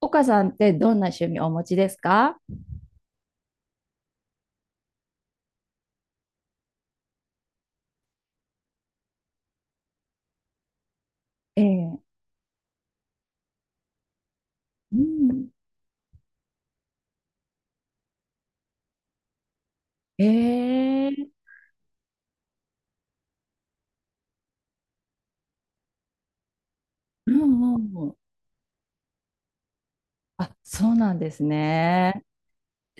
岡さんってどんな趣味をお持ちですか？ええ。うん。ええ。うんうんうん。あ、そうなんですね。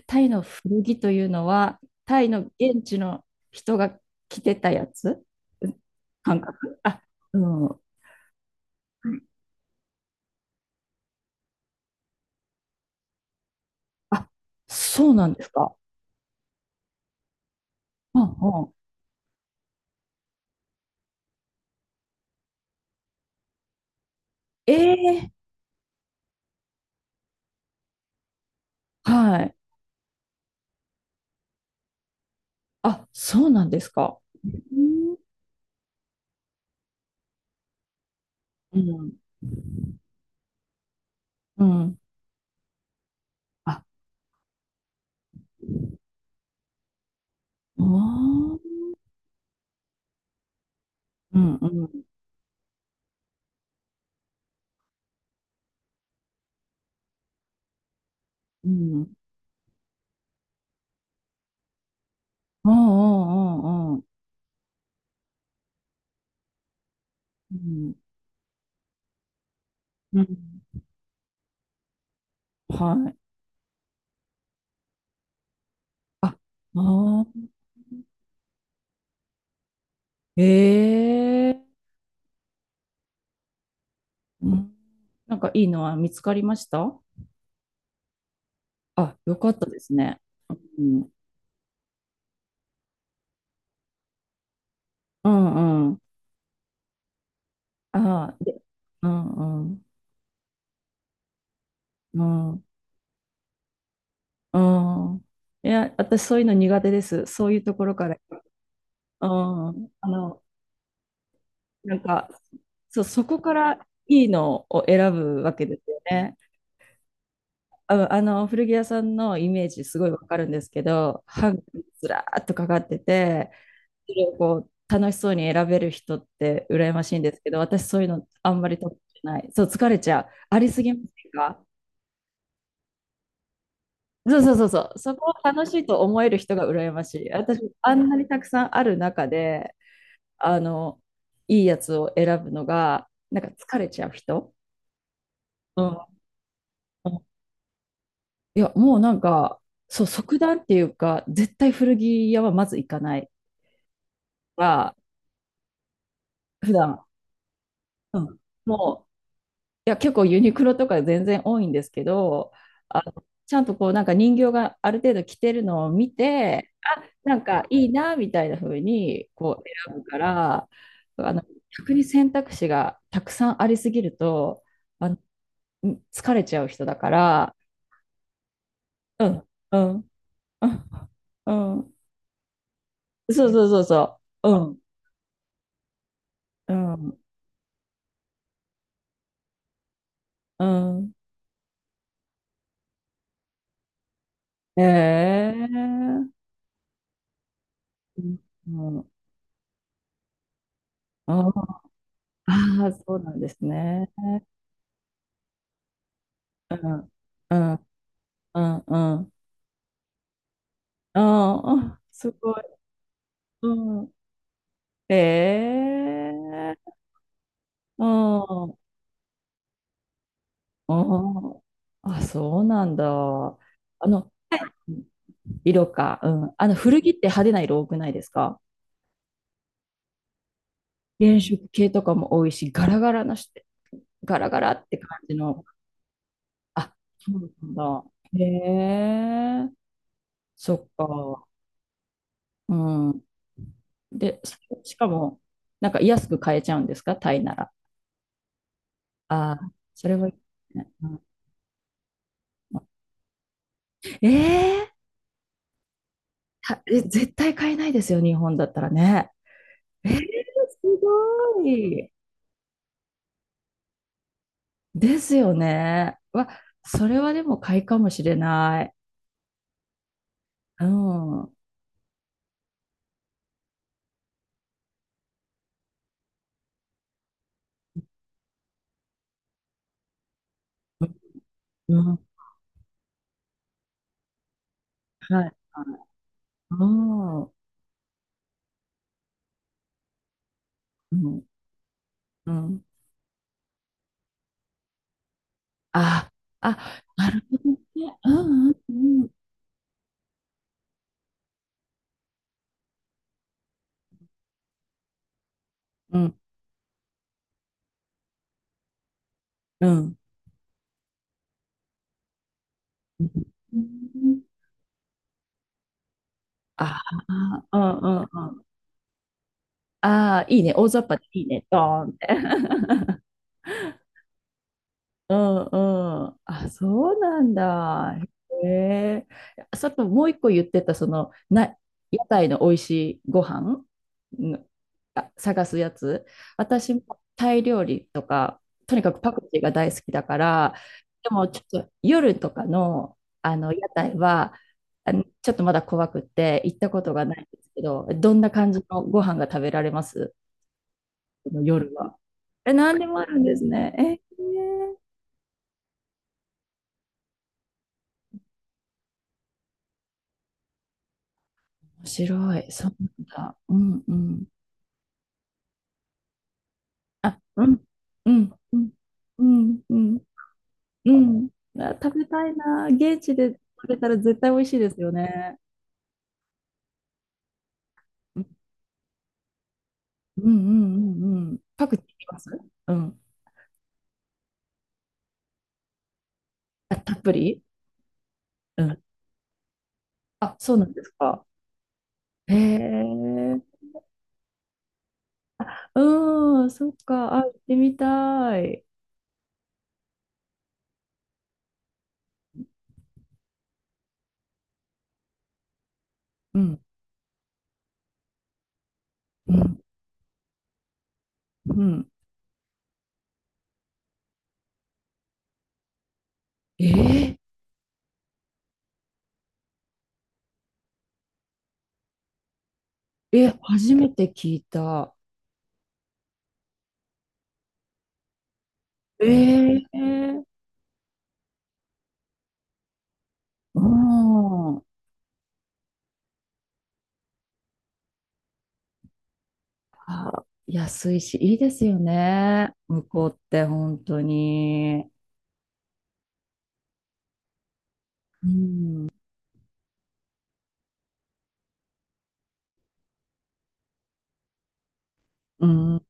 タイの古着というのは、タイの現地の人が着てたやつ、うん、感覚、あ、うん。はい。あ、そうなんですか。うんうん。ええ。はい。あ、そうなんですか。うんうんうん。あ、おー、うんうんうん。うんうんうんうんうん。うん。はい。あ、ああ、ええ、うん。なんかいいのは見つかりました？あ、よかったですね。うん。うんうん。ああ、で、うんうん。うん。うん。いや、私そういうの苦手です。そういうところから。うん。なんか、そう、そこからいいのを選ぶわけですよね。うん、古着屋さんのイメージすごいわかるんですけど、ハンガーにずらーっとかかってて、それをこう楽しそうに選べる人って羨ましいんですけど、私そういうのあんまり得意じゃない。そう、疲れちゃう。ありすぎませんか？そうそうそうそう。そこを楽しいと思える人が羨ましい。私、あんなにたくさんある中で、あの、いいやつを選ぶのが、なんか疲れちゃう人。うん。うん。いや、もうなんか、そう、即断っていうか、絶対古着屋はまず行かない。は、普段、うん。もう、いや、結構ユニクロとか全然多いんですけど、ちゃんとこう、なんか人形がある程度着てるのを見て、なんかいいな、みたいな風に、こう、選ぶから、あの、逆に選択肢がたくさんありすぎると、あの、疲れちゃう人だから、うん、うん、うん、うん、そうそうそうそう、うん、うん、うん、ええ、うん、うん、うん、ああ、そうなんですね。うん、うん、うん、うん。うん、あ、すごい。うん。ええ、うん、うん。あ、そうなんだ。あの、色か。うん。あの、古着って派手な色多くないですか？原色系とかも多いし、ガラガラなして、ガラガラって感じの。あ、そうなんだ。へえ、そっか。うん。で、しかも、なんか安く買えちゃうんですか、タイなら。ああ、それはいいね。うん、ええ、たえ、絶対買えないですよ、日本だったらね。ええ、すごい。ですよね。わ、それはでも買いかもしれない。うん。うん、はいはい。うん、うん、うん。あ、あ、なるほどね。うん、うん、うん、うん。うん。うん、ああ、うん、うん、うん。ああ、いいね。大雑把でいいね。ドーンって。うんうん。あ、そうなんだ。へえ。さっきもう一個言ってた、その、な、屋台の美味しいご飯の、あ、探すやつ。私もタイ料理とか、とにかくパクチーが大好きだから、でもちょっと夜とかの、あの屋台は、あのちょっとまだ怖くって行ったことがないんですけど、どんな感じのご飯が食べられます、この夜は？え、何でもあるんですね。えー、面白い。そうなんだ。うんうん。あ、うん。うん。うん。うん。うん。うん、あ、食べたいな。現地で食べたら絶対美味しいですよね。うんうんうんうんうん。パクチーいきます？うん。あ、たっぷり、うん。あ、そうなんですか。へえ。うん、そっか。あ、行ってみたい。うん。うん。うん。えー、え、初めて聞いた。ええ、うん。あ、安いし、いいですよね。向こうって本当に。うん。うん。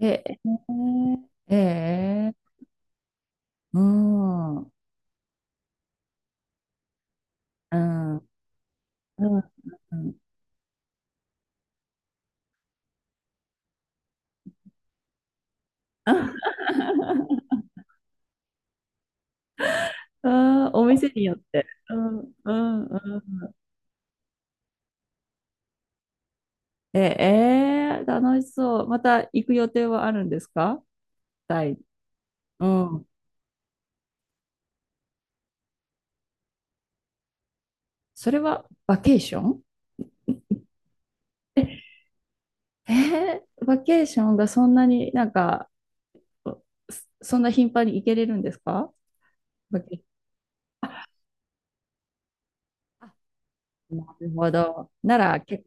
え、え、ええ、うん。うん。うん。うん。あ、お店によって。うん。うん。うん。え、えー、楽しそう。また行く予定はあるんですか、タイ。うん。それはバケーション？えー、バケーションがそんなになんか、そんな頻繁に行けれるんですか？あ、なるほど。なら、け、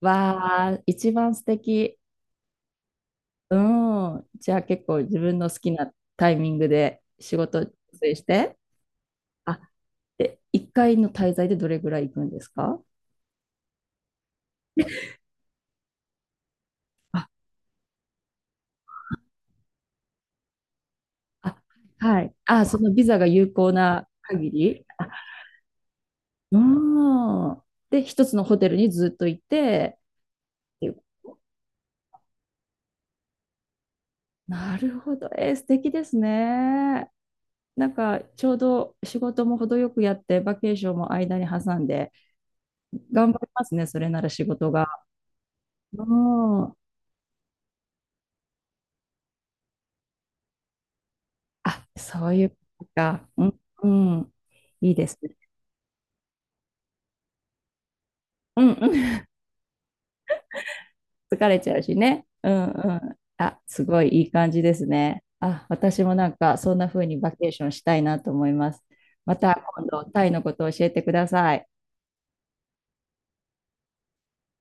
わあ、一番素敵。うん。じゃあ結構自分の好きなタイミングで仕事を調整して。あ、で、1回の滞在でどれぐらい行くんですか？あ、あ、はい。あ、そのビザが有効な限り。うん。で、一つのホテルにずっといて。っていう、なるほど。えー、素敵ですね。なんかちょうど仕事も程よくやって、バケーションも間に挟んで、頑張りますね、それなら仕事が。うん。あ、そういうことか。うん、うん。いいですね。うん、うん。疲れちゃうしね。うん、うん。あ、すごいいい感じですね。あ、私もなんかそんな風にバケーションしたいなと思います。また今度、タイのことを教えてください。